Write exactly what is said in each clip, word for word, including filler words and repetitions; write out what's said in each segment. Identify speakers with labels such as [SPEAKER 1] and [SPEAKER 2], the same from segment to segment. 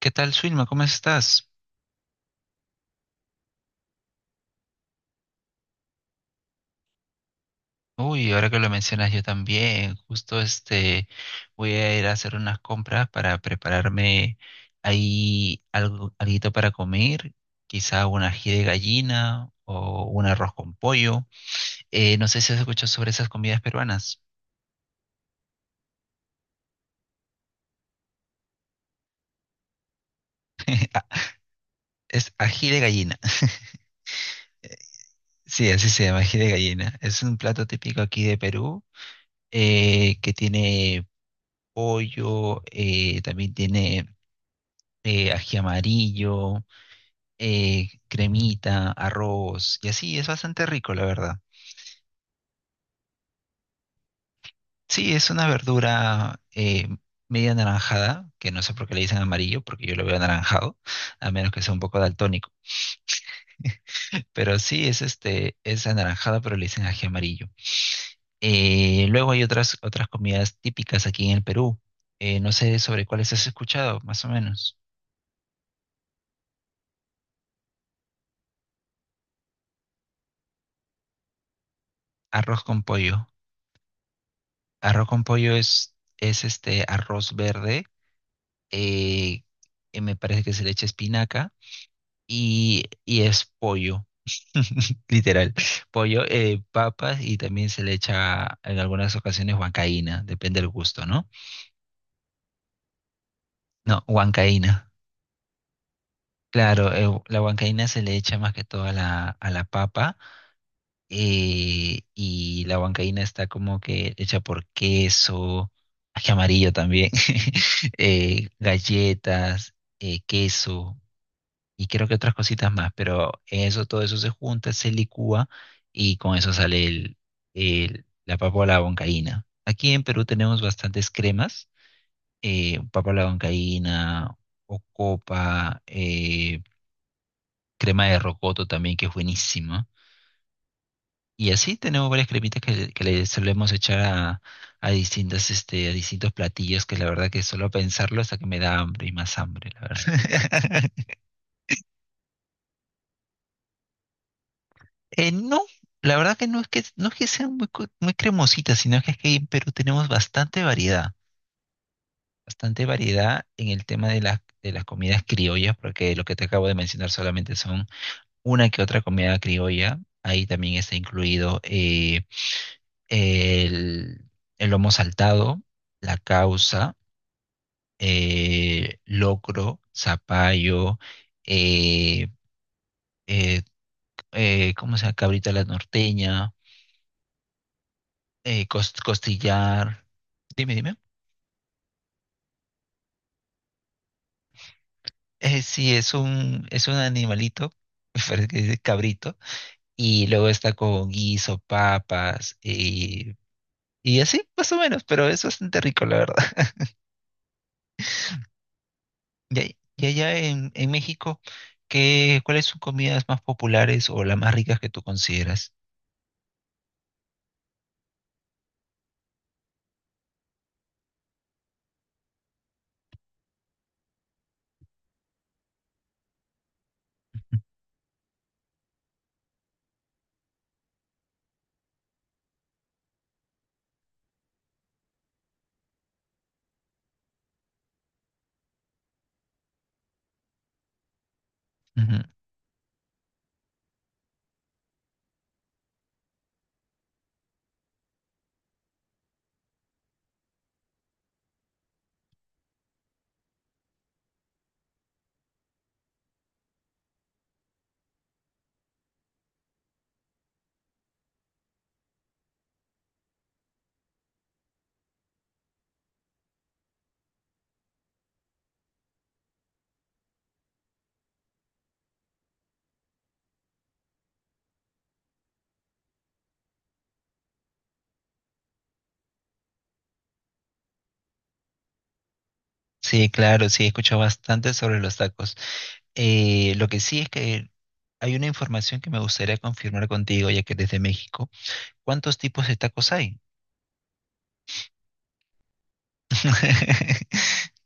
[SPEAKER 1] ¿Qué tal, Suilma? ¿Cómo estás? Uy, ahora que lo mencionas yo también, justo, este, voy a ir a hacer unas compras para prepararme ahí algo, alguito para comer, quizá un ají de gallina o un arroz con pollo. Eh, no sé si has escuchado sobre esas comidas peruanas. Es ají de gallina. Sí, así se llama, ají de gallina. Es un plato típico aquí de Perú, eh, que tiene pollo, eh, también tiene eh, ají amarillo, eh, cremita, arroz y así, es bastante rico, la verdad. Sí, es una verdura, eh, media anaranjada, que no sé por qué le dicen amarillo, porque yo lo veo anaranjado, a menos que sea un poco daltónico. Pero sí, es este, es anaranjada, pero le dicen ají amarillo. Eh, luego hay otras, otras comidas típicas aquí en el Perú. Eh, no sé sobre cuáles has escuchado, más o menos. Arroz con pollo. Arroz con pollo es, es este arroz verde, eh, que me parece que se le echa espinaca y, y es pollo, literal, pollo, eh, papas y también se le echa en algunas ocasiones huancaína, depende del gusto, ¿no? No, huancaína. Claro, eh, la huancaína se le echa más que todo a la, a la papa, eh, y la huancaína está como que hecha por queso, ají amarillo también, eh, galletas, eh, queso. Y creo que otras cositas más, pero eso, todo eso se junta, se licúa y con eso sale el, el- la papa a la huancaína. Aquí en Perú tenemos bastantes cremas, eh, papa a la huancaína, ocopa, eh, crema de rocoto también, que es buenísima. Y así tenemos varias cremitas que, que le solemos echar a, a distintas, este, a distintos platillos, que la verdad que solo pensarlo hasta que me da hambre y más hambre, la verdad. Eh, no, la verdad que no es que no es que sean muy, cu- muy cremositas, sino que es que en Perú tenemos bastante variedad, bastante variedad en el tema de las de las comidas criollas, porque lo que te acabo de mencionar solamente son una que otra comida criolla. Ahí también está incluido eh, el, el lomo saltado, la causa, eh, locro, zapallo, eh, eh, eh, ¿cómo se llama? Cabrita a la norteña, eh, cos- costillar. Dime, dime. Eh, sí, es un, es un animalito, me parece que dice cabrito, y luego está con guiso, papas, y, y así, más o menos, pero es bastante rico, la verdad. Y, ahí- y allá en, en México, ¿qué, cuáles son comidas más populares o las más ricas que tú consideras? Ujú. Sí, claro, sí, he escuchado bastante sobre los tacos. Eh, lo que sí es que hay una información que me gustaría confirmar contigo, ya que eres de México. ¿Cuántos tipos de tacos hay?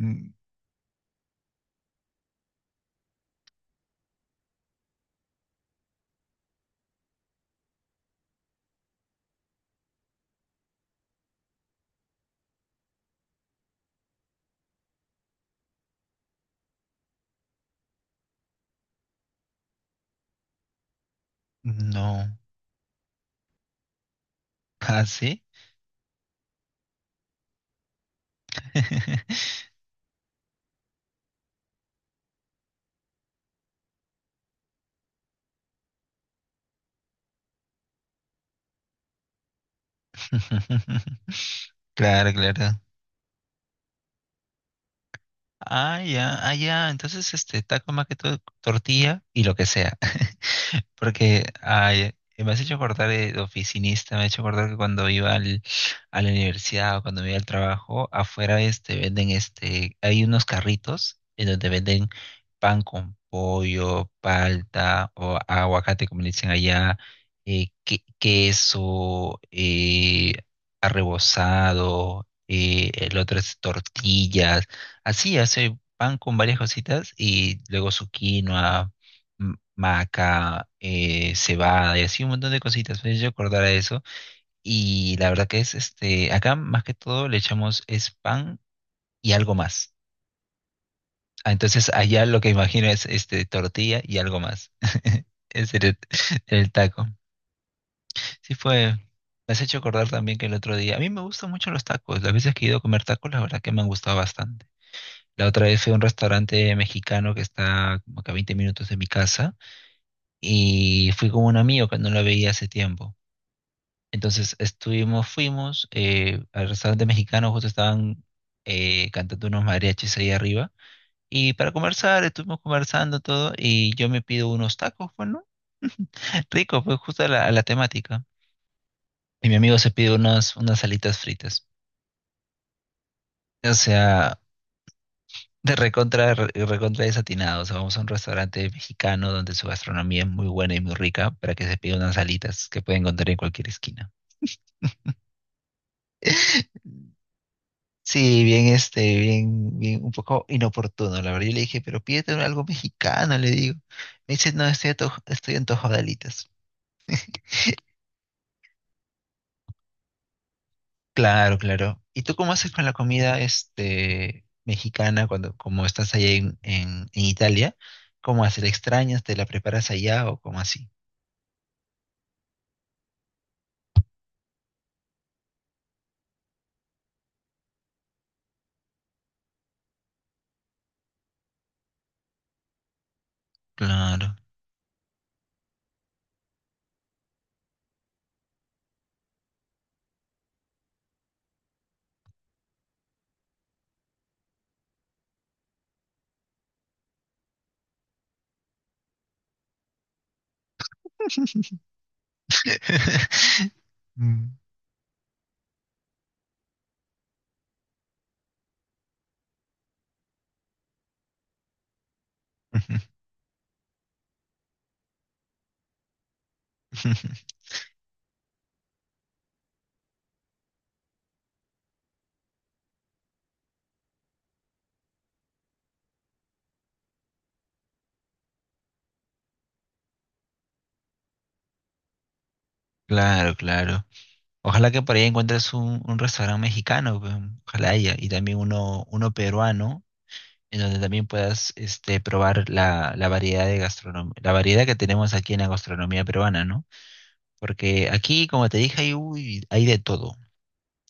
[SPEAKER 1] Mm, no. ¿Ah, sí? Claro, claro. Ah, ya, ah, ya. Entonces, este, taco más que todo, tortilla y lo que sea. Porque ay, me has hecho acordar de, de oficinista, me has hecho acordar que cuando iba al, a la universidad o cuando iba al trabajo, afuera este, venden, este, hay unos carritos en donde venden pan con pollo, palta o aguacate, como le dicen allá, eh, que- queso, eh, arrebozado, eh, el otro es tortillas, así hace pan con varias cositas y luego su quinoa, m- maca, eh, cebada y así un montón de cositas. Me hizo acordar a eso. Y la verdad que es, este, acá más que todo le echamos es pan y algo más. Ah, entonces allá lo que imagino es este tortilla y algo más. Es el, el taco. Sí fue. Me has hecho acordar también que el otro día, a mí me gustan mucho los tacos. Las veces que he ido a comer tacos, la verdad que me han gustado bastante. La otra vez fui a un restaurante mexicano que está como que a veinte minutos de mi casa y fui con un amigo que no lo veía hace tiempo. Entonces estuvimos, fuimos eh, al restaurante mexicano, justo estaban eh, cantando unos mariachis ahí arriba. Y para conversar, estuvimos conversando todo y yo me pido unos tacos, bueno, rico, pues justo a la, a la temática. Y mi amigo se pide unas, unas alitas fritas. O sea, de recontra, re- recontra desatinado. O sea, vamos a un restaurante mexicano donde su gastronomía es muy buena y muy rica para que se pida unas alitas que pueden encontrar en cualquier esquina. Sí, bien, este, bien, bien, un poco inoportuno, la verdad. Yo le dije, pero pídete algo mexicano, le digo. Me dice, no, estoy, ato- estoy antojado de alitas. Claro, claro. ¿Y tú cómo haces con la comida, este, mexicana cuando, como estás allá en, en, en Italia? ¿Cómo haces? ¿La extrañas? ¿Te la preparas allá o cómo así? Claro. Mm. Claro, claro. Ojalá que por ahí encuentres un, un restaurante mexicano, pues, ojalá haya, y también uno, uno peruano. En donde también puedas este, probar la, la variedad de gastronomía, la variedad que tenemos aquí en la gastronomía peruana, ¿no? Porque aquí, como te dije, hay, uy, hay de todo.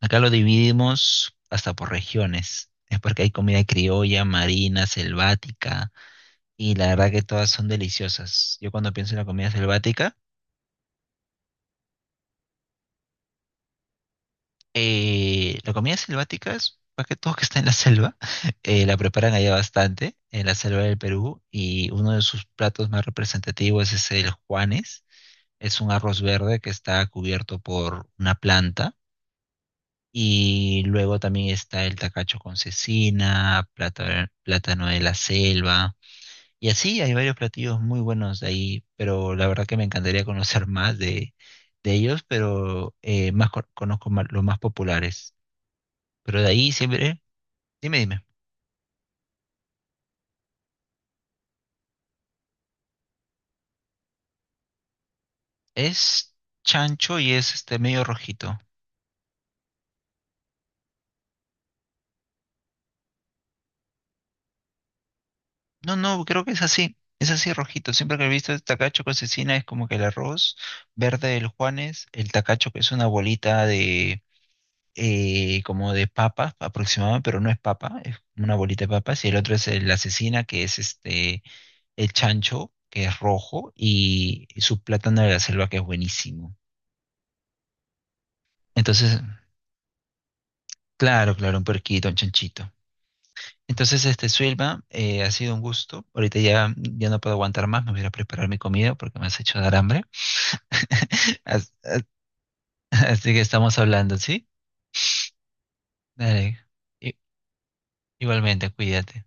[SPEAKER 1] Acá lo dividimos hasta por regiones. Es porque hay comida criolla, marina, selvática, y la verdad que todas son deliciosas. Yo cuando pienso en la comida selvática, eh, la comida selvática es más que todo que está en la selva, eh, la preparan allá bastante, en la selva del Perú, y uno de sus platos más representativos es el Juanes. Es un arroz verde que está cubierto por una planta. Y luego también está el tacacho con cecina, plata- plátano de la selva. Y así hay varios platillos muy buenos de ahí, pero la verdad que me encantaría conocer más de, de ellos, pero eh, más co- conozco más- los más populares. Pero de ahí siempre, dime, dime, es chancho y es este medio rojito. No, no, creo que es así. Es así rojito. Siempre que he visto el tacacho con cecina es como que el arroz verde del Juanes, el tacacho que es una bolita de eh, como de papa aproximada, pero no es papa, es una bolita de papas, y el otro es el- la cecina, que es este el chancho, que es rojo, y su plátano de la selva, que es buenísimo. Entonces, claro, claro, un puerquito, un chanchito. Entonces, este, Suelva, eh, ha sido un gusto. Ahorita ya, ya no puedo aguantar más, me voy a ir a preparar mi comida porque me has hecho dar hambre. As- as- Así que estamos hablando, ¿sí? Dale. I- Igualmente, cuídate.